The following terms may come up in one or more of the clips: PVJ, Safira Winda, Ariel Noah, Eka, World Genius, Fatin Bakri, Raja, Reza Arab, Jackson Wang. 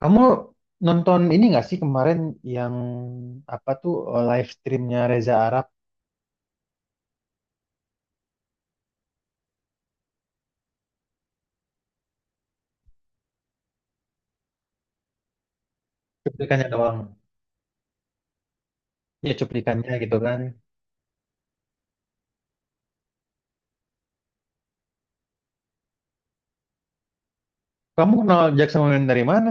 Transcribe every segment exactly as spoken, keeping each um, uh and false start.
Kamu nonton ini nggak sih kemarin yang apa tuh eh, live streamnya Reza Arab? Cuplikannya doang. Ya cuplikannya gitu kan. Kamu kenal Jackson Wang dari mana?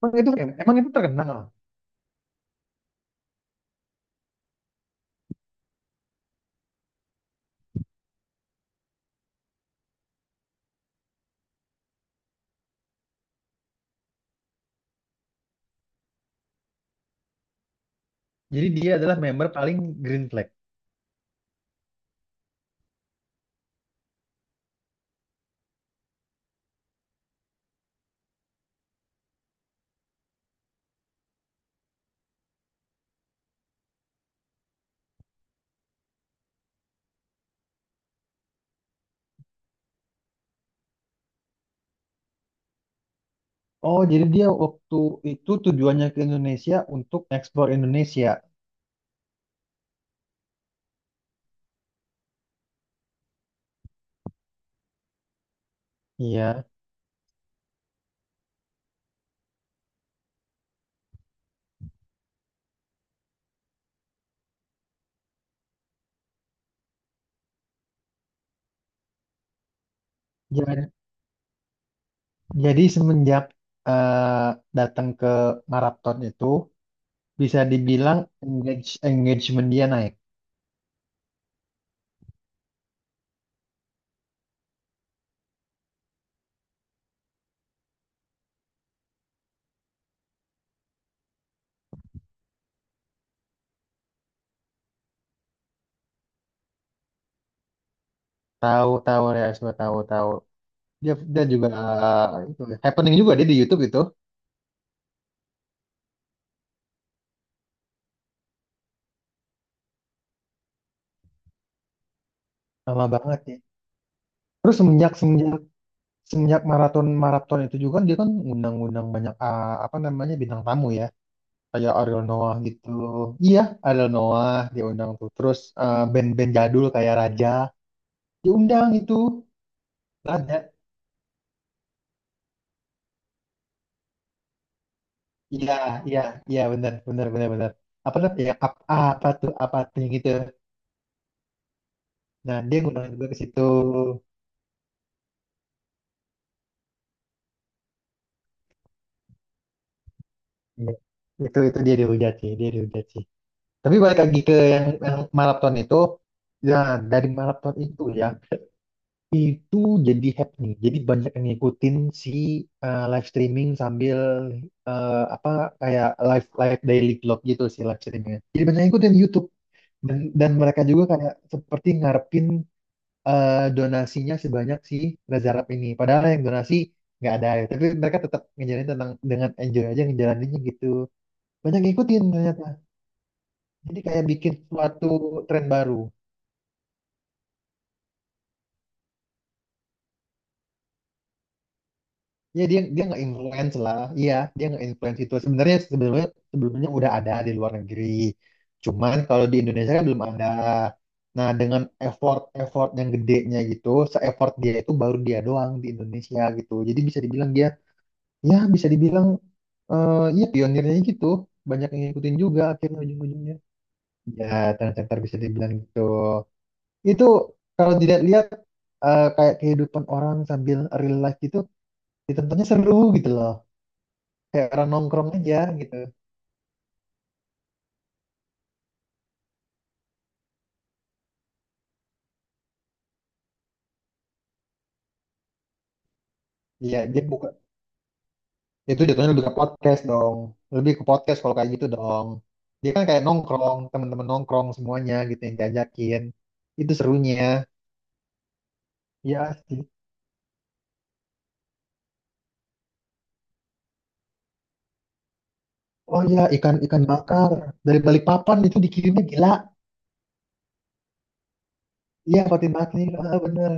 Emang itu emang itu terkenal. Jadi dia adalah member paling Green Flag. Oh, jadi dia waktu itu tujuannya ke Indonesia untuk ekspor Indonesia. Iya. Ja- Jadi semenjak eh, datang ke Marathon itu bisa dibilang engage- engagement dia naik. Tahu tahu ya, tahu tahu. Dia dia juga, eh, itu happening juga dia di YouTube itu. Lama banget ya. Terus semenjak semenjak semenjak maraton maraton itu juga kan dia kan ngundang-ngundang banyak, ah, apa namanya, bintang tamu ya. Kayak Ariel Noah gitu. Iya, Ariel Noah dia undang tuh. Terus eh, band-band jadul kayak Raja diundang itu. Raja. Iya, iya, iya, benar, benar, benar, benar. Apa tuh? Ya, ap- apa tuh? Apa tuh yang gitu. Nah, dia ngundang juga ke situ. Iya. Itu itu dia dihujat sih, dia dihujat sih. Tapi balik lagi ke yang, yang maraton itu, ya, dari maraton itu ya, itu jadi happening. Jadi banyak yang ngikutin si, eh, live streaming sambil, eh, apa, kayak live live daily vlog gitu sih, live streamingnya. Jadi banyak yang ngikutin di YouTube, dan dan mereka juga kayak seperti ngarepin eh, donasinya sebanyak si Reza Arab ini. Padahal yang donasi nggak ada ya. Tapi mereka tetap ngejalanin tentang dengan enjoy aja ngejalaninnya gitu. Banyak yang ngikutin ternyata. Jadi kayak bikin suatu tren baru. Ya dia dia nggak influence lah. Iya, dia nggak influence itu. Sebenarnya sebelumnya sebelumnya udah ada di luar negeri. Cuman kalau di Indonesia kan belum ada. Nah, dengan effort effort yang gedenya gitu, se-effort dia itu baru dia doang di Indonesia gitu. Jadi bisa dibilang dia, ya bisa dibilang, eh ya pionirnya gitu. Banyak yang ngikutin juga akhirnya ujung-ujungnya. Ya, center bisa dibilang gitu. Itu kalau dilihat-lihat eh, kayak kehidupan orang sambil real life gitu, ditontonnya seru gitu loh, kayak orang nongkrong aja gitu. Iya dia buka, itu jatuhnya lebih ke podcast dong, lebih ke podcast kalau kayak gitu dong. Dia kan kayak nongkrong teman-teman nongkrong semuanya gitu yang diajakin, itu serunya. Ya sih. Oh ya, ikan ikan bakar dari Balikpapan itu dikirimnya, gila. Iya, Fatin Bakri, ah, bener.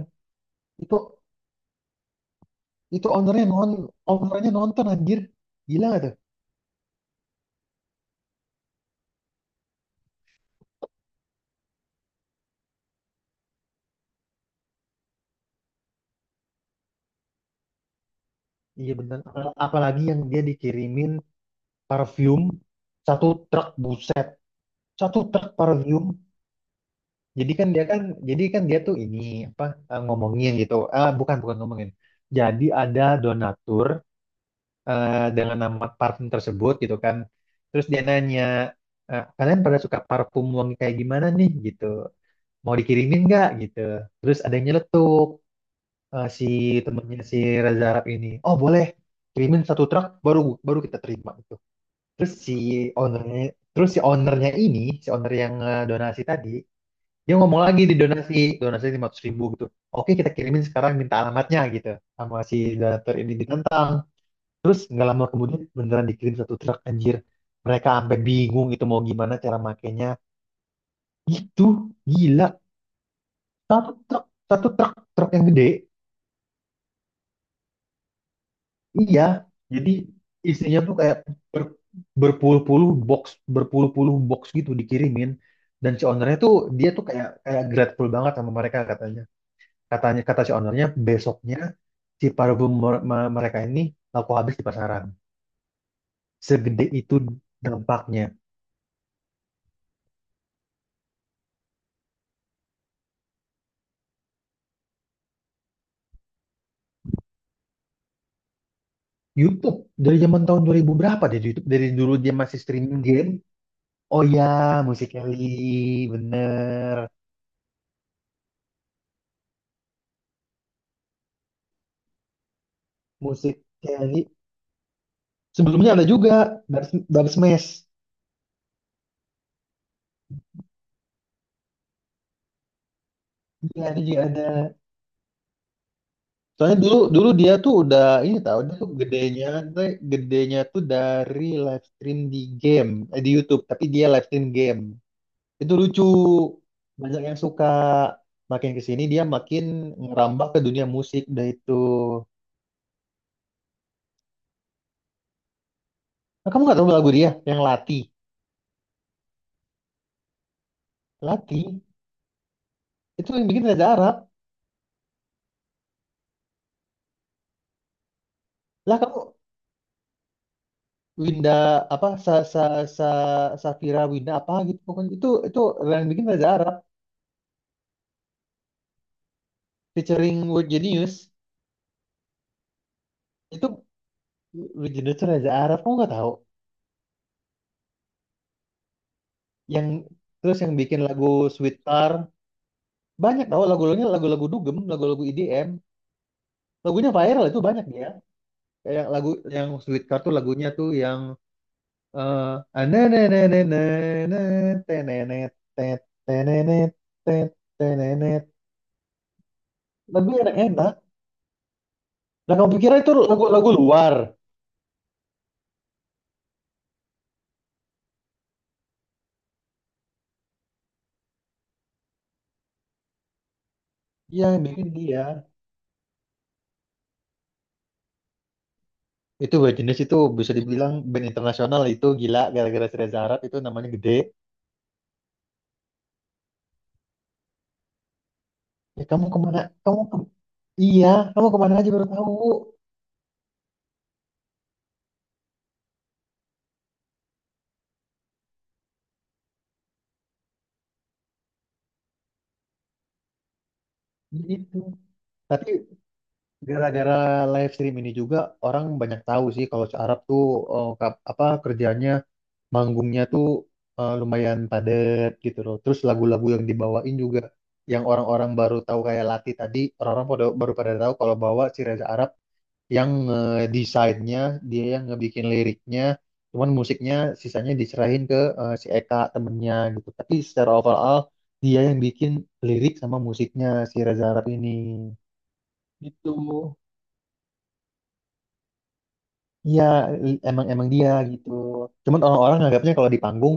Itu itu ownernya non ownernya nonton anjir, gila gak tuh. Iya bener. Apal- apalagi yang dia dikirimin parfum satu truk, buset, satu truk parfum. Jadi kan dia kan, jadi kan dia tuh ini apa, eh, ngomongin gitu. Eh, bukan bukan ngomongin. Jadi ada donatur eh, dengan nama parfum tersebut gitu kan. Terus dia nanya, eh, kalian pada suka parfum wangi kayak gimana nih gitu. Mau dikirimin nggak gitu. Terus ada yang nyeletuk, eh, si temennya si Reza Arab ini. Oh boleh, kirimin satu truk baru baru kita terima gitu. Terus si ownernya, terus si ownernya ini, si owner yang, eh, donasi tadi, dia ngomong lagi di donasi, donasi lima ratus ribu gitu. Oke, kita kirimin sekarang, minta alamatnya gitu. Sama si donatur ini ditentang. Terus nggak lama kemudian beneran dikirim satu truk anjir. Mereka sampai bingung itu mau gimana cara makainya. Gitu, gila. Satu truk, satu truk, truk yang gede. Iya, jadi isinya tuh kayak ber- berpuluh-puluh box, berpuluh-puluh box gitu dikirimin. Dan si ownernya tuh dia tuh kayak kayak grateful banget sama mereka katanya. Katanya, kata si ownernya besoknya, si parfum mer- me- mereka ini laku habis di pasaran, segede itu dampaknya. YouTube dari zaman tahun dua ribu berapa deh, YouTube dari dulu dia masih streaming game. Oh ya, musik Kelly, bener, musik Kelly. Sebelumnya ada juga dari dari Smash. Iya ada juga, ada, soalnya dulu dulu dia tuh udah ini tau. Dia tuh gedenya gedenya tuh dari live stream di game, eh, di YouTube, tapi dia live stream game. Itu lucu. Banyak yang suka. Makin ke sini dia makin ngerambah ke dunia musik dah itu. Nah, kamu nggak tahu lagu dia yang Lati. Lati itu yang bikin Reza Arab. Lah kamu, Winda apa, sa sa sa Safira Winda apa gitu pokoknya, itu itu yang bikin Reza Arab, featuring World Genius itu. World Genius itu Reza Arab, kamu nggak tahu? yang Terus yang bikin lagu Sweet Tar, banyak tahu lagu-lagunya, lagu-lagu dugem, lagu-lagu E D M, lagunya viral itu banyak dia. Kayak lagu yang Sweet Card tuh, lagunya tuh yang eh anenenenenenen, tenenet, tet, tenenet, tet, tenenet. Lebih enak enak dan kamu pikir itu lagu-lagu luar. Iya, yang bikin dia itu band jenis itu bisa dibilang band internasional itu, gila gara-gara si Reza Arab itu namanya gede. Ya kamu kemana, kamu ke- iya, kamu kemana aja baru tahu. Gitu. Tapi gara-gara live stream ini juga, orang banyak tahu sih kalau si Arab tuh, eh, kap- apa kerjanya, manggungnya tuh eh, lumayan padat gitu loh. Terus lagu-lagu yang dibawain juga, yang orang-orang baru tahu kayak Lati tadi, orang-orang pada- baru pada tahu kalau bawa si Reza Arab yang, eh, desainnya dia yang ngebikin liriknya, cuman musiknya sisanya diserahin ke, eh, si Eka temennya gitu. Tapi secara overall dia yang bikin lirik sama musiknya si Reza Arab ini. Gitu. Iya, i- emang emang dia gitu. Cuman orang-orang nganggapnya kalau di panggung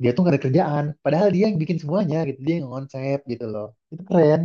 dia tuh gak ada kerjaan, padahal dia yang bikin semuanya gitu, dia yang konsep gitu loh. Itu keren.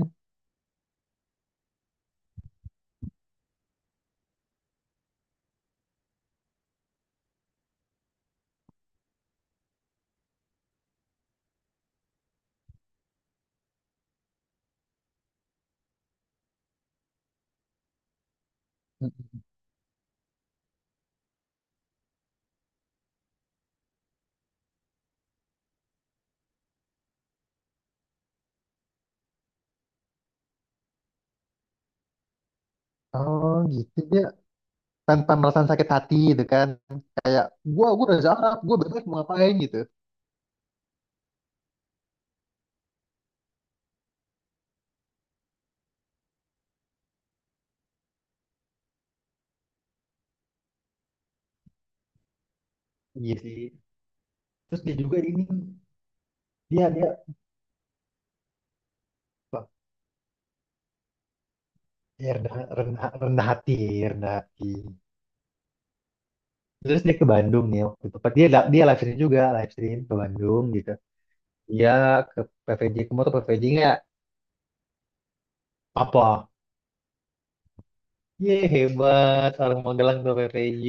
Oh gitu, dia tanpa merasa sakit hati gitu kan. Kayak, gua gua Reza Arab, gua bebas mau ngapain gitu. Iya sih. Terus dia juga ini, dia dia apa? Dia rendah, rendah, rendah hati, rendah hati. Terus dia ke Bandung nih waktu itu. Dia dia live stream juga, live stream ke Bandung gitu. Dia ke P V J ke motor P V J nggak apa? Ye, hebat. Orang Magelang tuh P P J.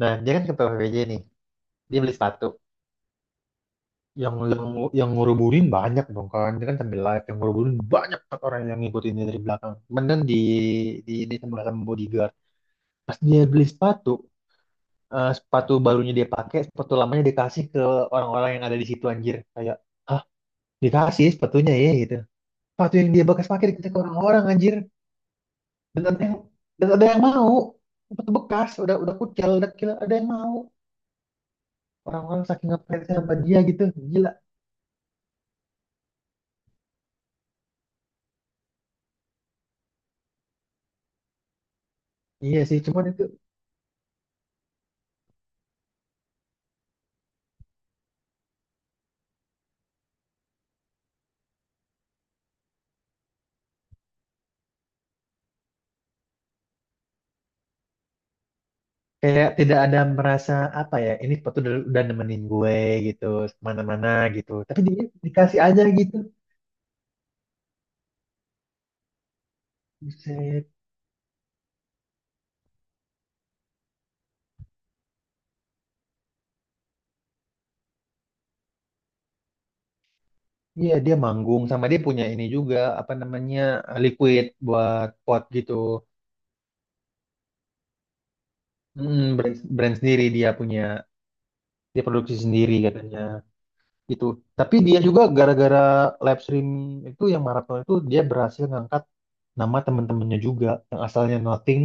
Nah, dia kan ke P P J nih. Dia beli sepatu. Yang yang yang ngeruburin banyak dong kan. Dia kan sambil live yang ngeruburin banyak banget, orang yang ngikutin dia dari belakang. Kemudian kan di di ini sama bodyguard. Pas dia beli sepatu, eh, sepatu barunya dia pakai, sepatu lamanya dikasih ke orang-orang yang ada di situ anjir. Kayak, ah, dikasih sepatunya ya? Gitu. Sepatu yang dia bekas pakai dikasih ke orang-orang anjir. Dan ada yang dan ada yang mau. Sepatu bekas, udah udah kucel, udah kira ada yang mau. Orang-orang saking ngefansnya sama dia gitu, gila. Iya sih, cuman itu kayak tidak ada merasa apa ya, ini sepatu udah, udah nemenin gue gitu kemana-mana gitu, tapi dia dikasih aja gitu. Buset. Iya dia manggung, sama dia punya ini juga apa namanya, liquid buat pot gitu. Mm, brand, brand sendiri dia punya, dia produksi sendiri katanya gitu. Tapi dia juga gara-gara live stream itu, yang maraton itu, dia berhasil ngangkat nama teman-temannya juga, yang asalnya nothing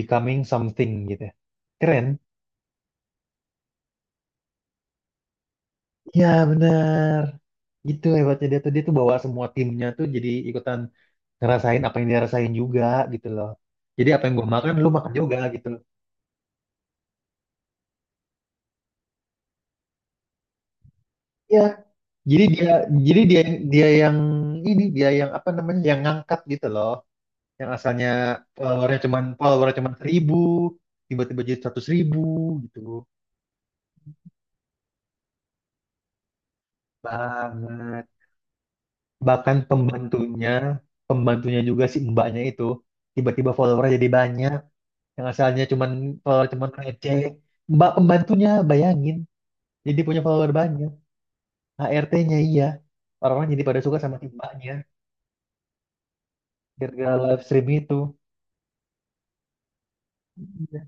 becoming something gitu ya. Keren. Ya benar. Gitu hebatnya dia tuh. Dia tuh bawa semua timnya tuh jadi ikutan ngerasain apa yang dia rasain juga gitu loh. Jadi apa yang gue makan lu makan juga gitu loh. Ya, jadi dia jadi dia dia yang ini, dia yang apa namanya, yang ngangkat gitu loh. Yang asalnya followernya cuman followernya cuman seribu, tiba-tiba jadi seratus ribu gitu banget. Bahkan pembantunya pembantunya juga, si mbaknya itu, tiba-tiba followernya jadi banyak. Yang asalnya cuman follower cuman receh, mbak pembantunya bayangin jadi punya follower banyak. H R T-nya iya. Orang-orang jadi pada suka sama si mbaknya gara-gara live stream itu. Iya.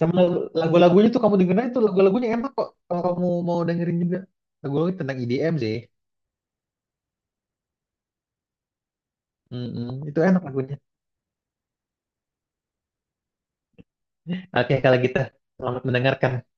Sama lagu-lagunya tuh kamu dengerin, itu lagu-lagunya enak kok kalau kamu mau dengerin juga. Lagu-lagu tentang I D M sih. Mm-mm, itu enak lagunya. Oke kalau gitu, selamat mendengarkan.